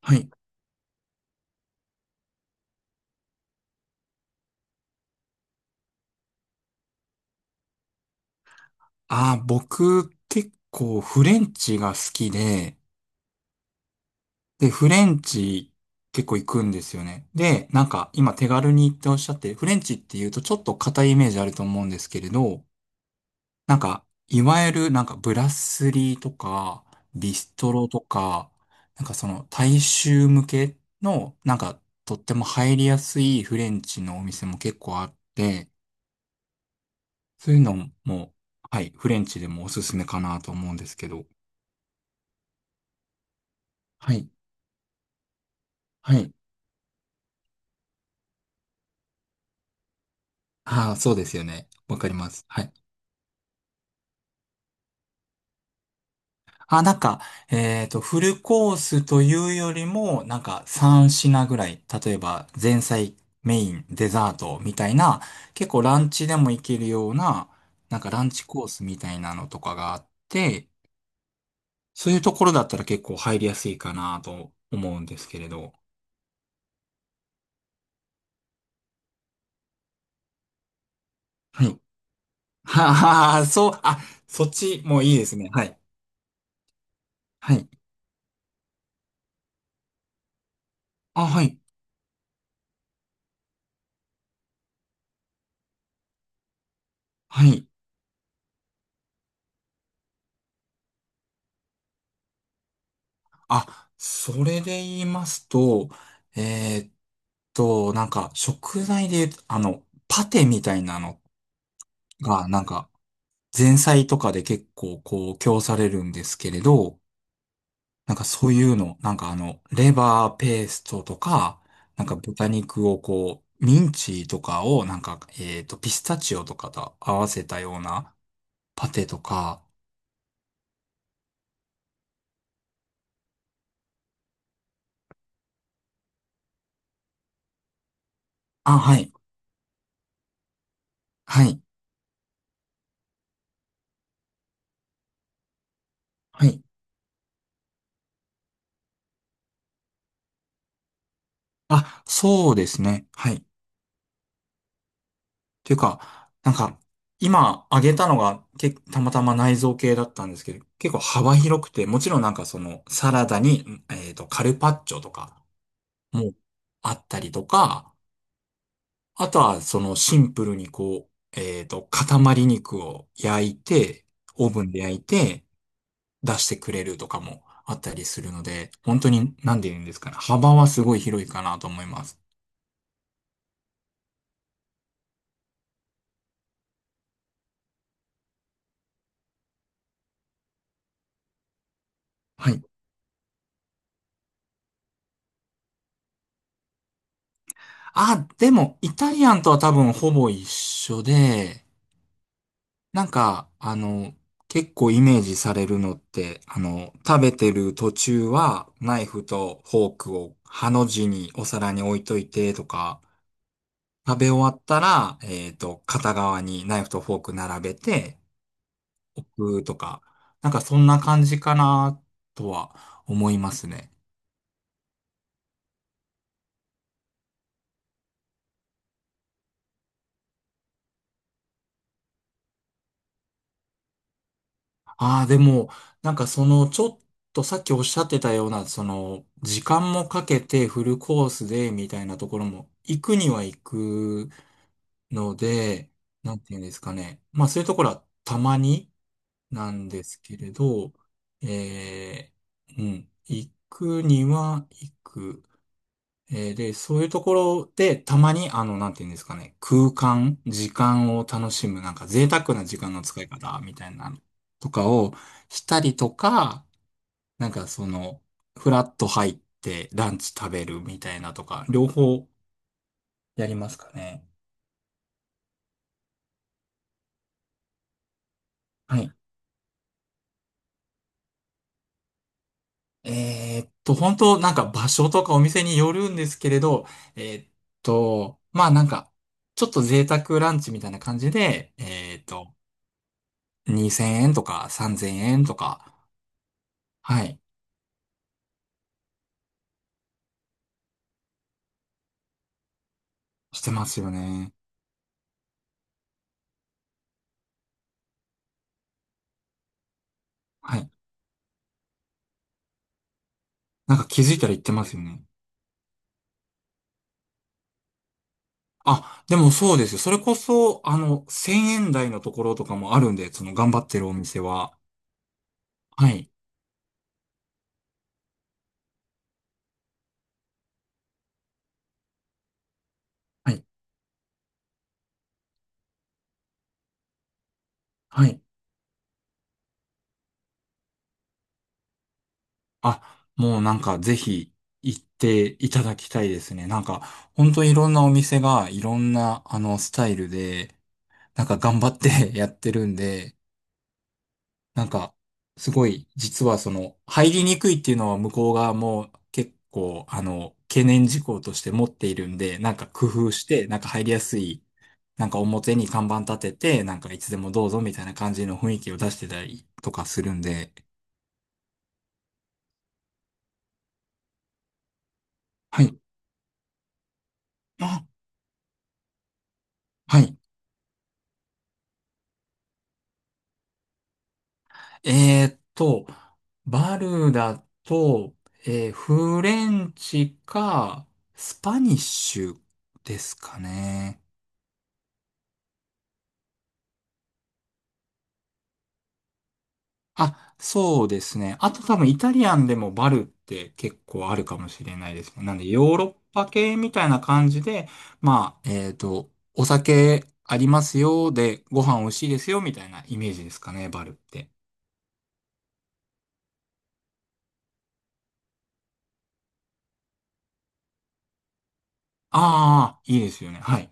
はい。僕、結構フレンチが好きで、で、フレンチ結構行くんですよね。で、なんか今手軽にっておっしゃって、フレンチって言うとちょっと硬いイメージあると思うんですけれど、なんか、いわゆるなんかブラスリーとか、ビストロとか、なんかその大衆向けの、なんかとっても入りやすいフレンチのお店も結構あって、そういうのも、はい、フレンチでもおすすめかなと思うんですけど、はい。はい。ああ、そうですよね。わかります。はい。あ、なんか、フルコースというよりも、なんか3品ぐらい、例えば前菜、メイン、デザートみたいな、結構ランチでもいけるような、なんかランチコースみたいなのとかがあって、そういうところだったら結構入りやすいかなと思うんですけれど。はい。はははそう、あ、そっちもいいですね。はい。はい。あ、はい。はい。あ、それで言いますと、えーっなんか、食材で言うと、あの、パテみたいなのが、なんか、前菜とかで結構、こう、供されるんですけれど、なんかそういうの、なんかあの、レバーペーストとか、なんか豚肉をこう、ミンチとかを、なんか、ピスタチオとかと合わせたようなパテとか、あ、はい、はい、はい。あ、そうですね。はい。ていうか、なんか、今挙げたのが、たまたま内臓系だったんですけど、結構幅広くて、もちろんなんかその、サラダに、カルパッチョとかもあったりとか、あとはそのシンプルにこう、塊肉を焼いて、オーブンで焼いて、出してくれるとかもあったりするので、本当に、なんて言うんですかね、幅はすごい広いかなと思います。はい。あ、でも、イタリアンとは多分ほぼ一緒で、なんか、あの、結構イメージされるのって、あの、食べてる途中は、ナイフとフォークをハの字にお皿に置いといてとか、食べ終わったら、片側にナイフとフォーク並べて、うーとか、なんかそんな感じかな、とは思いますね。ああ、でも、なんかその、ちょっとさっきおっしゃってたような、その、時間もかけてフルコースで、みたいなところも、行くには行く、ので、なんていうんですかね。まあそういうところはたまになんですけれど、えうん、行くには行く。で、そういうところでたまにあの、なんていうんですかね、空間、時間を楽しむ、なんか贅沢な時間の使い方みたいなのとかをしたりとか、なんかその、フラッと入ってランチ食べるみたいなとか、両方やりますかね。はい。本当なんか場所とかお店によるんですけれど、えーっまあなんか、ちょっと贅沢ランチみたいな感じで、2000円とか3000円とか、はい、してますよね。はい。なんか気づいたら言ってますよね。あ、でもそうですよ。それこそ、あの、1000円台のところとかもあるんで、その頑張ってるお店は。はい。はい。はい。あ、もうなんかぜひ行っていただきたいですね。なんか本当いろんなお店がいろんなあのスタイルで、なんか頑張って やってるんで、なんかすごい実はその入りにくいっていうのは向こう側も結構あの懸念事項として持っているんで、なんか工夫してなんか入りやすい、なんか表に看板立てて、なんかいつでもどうぞみたいな感じの雰囲気を出してたりとかするんで、はい。あ、はい。えーっと、バルだと、フレンチか、スパニッシュですかね。あ、そうですね。あと多分イタリアンでもバルって結構あるかもしれないですね。なんでヨーロッパ系みたいな感じで、まあ、お酒ありますよ、で、ご飯美味しいですよ、みたいなイメージですかね、バルって。ああ、いいですよね。はい。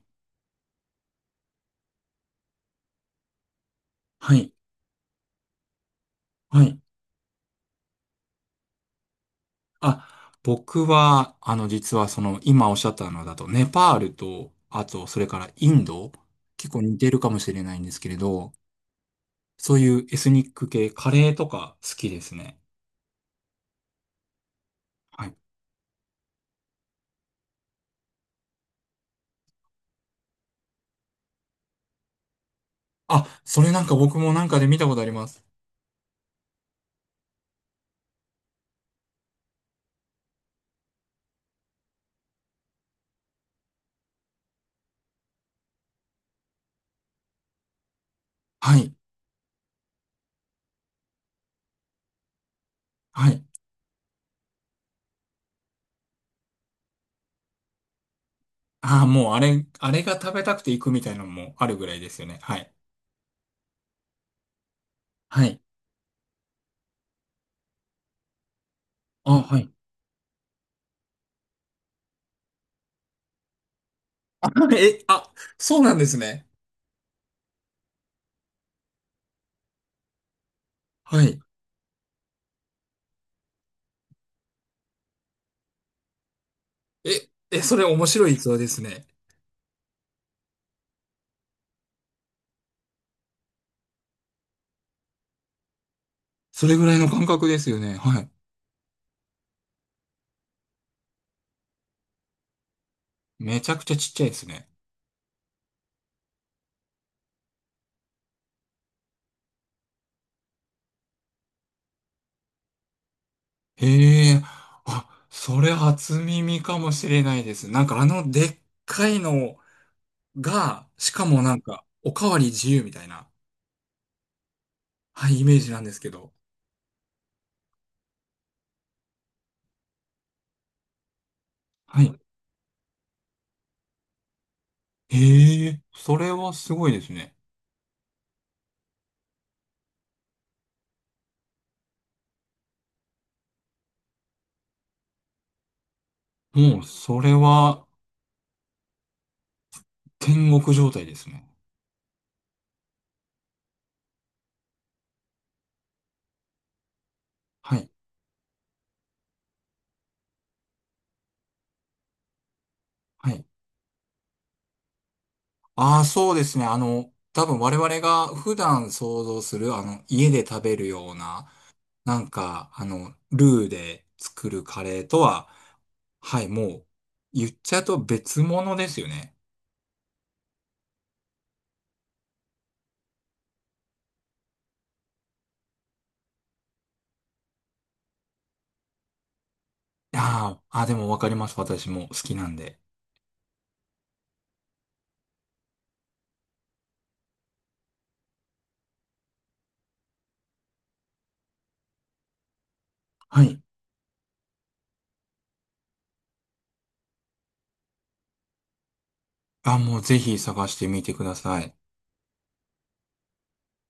はい。はい。あ、僕は、あの、実はその、今おっしゃったのだと、ネパールと、あと、それからインド、結構似てるかもしれないんですけれど、そういうエスニック系、カレーとか好きですね。はい。あ、それなんか僕もなんかで見たことあります。はい。はい。ああ、もうあれが食べたくて行くみたいなのもあるぐらいですよね。はい。はい。あ、はい。え、あ、そうなんですね。はい。え、え、それ面白い逸話ですね。それぐらいの感覚ですよね。はい。めちゃくちゃちっちゃいですね。へえ、あ、それ初耳かもしれないです。なんかあのでっかいのが、しかもなんか、おかわり自由みたいな、はい、イメージなんですけど。はい。へえ、それはすごいですね。もう、それは、天国状態ですね。はい。はい。ああ、そうですね。あの、多分我々が普段想像する、あの、家で食べるような、なんか、あの、ルーで作るカレーとは、はい、もう、言っちゃうと別物ですよね。あーあ、でもわかります。私も好きなんで。はい。あ、もうぜひ探してみてください。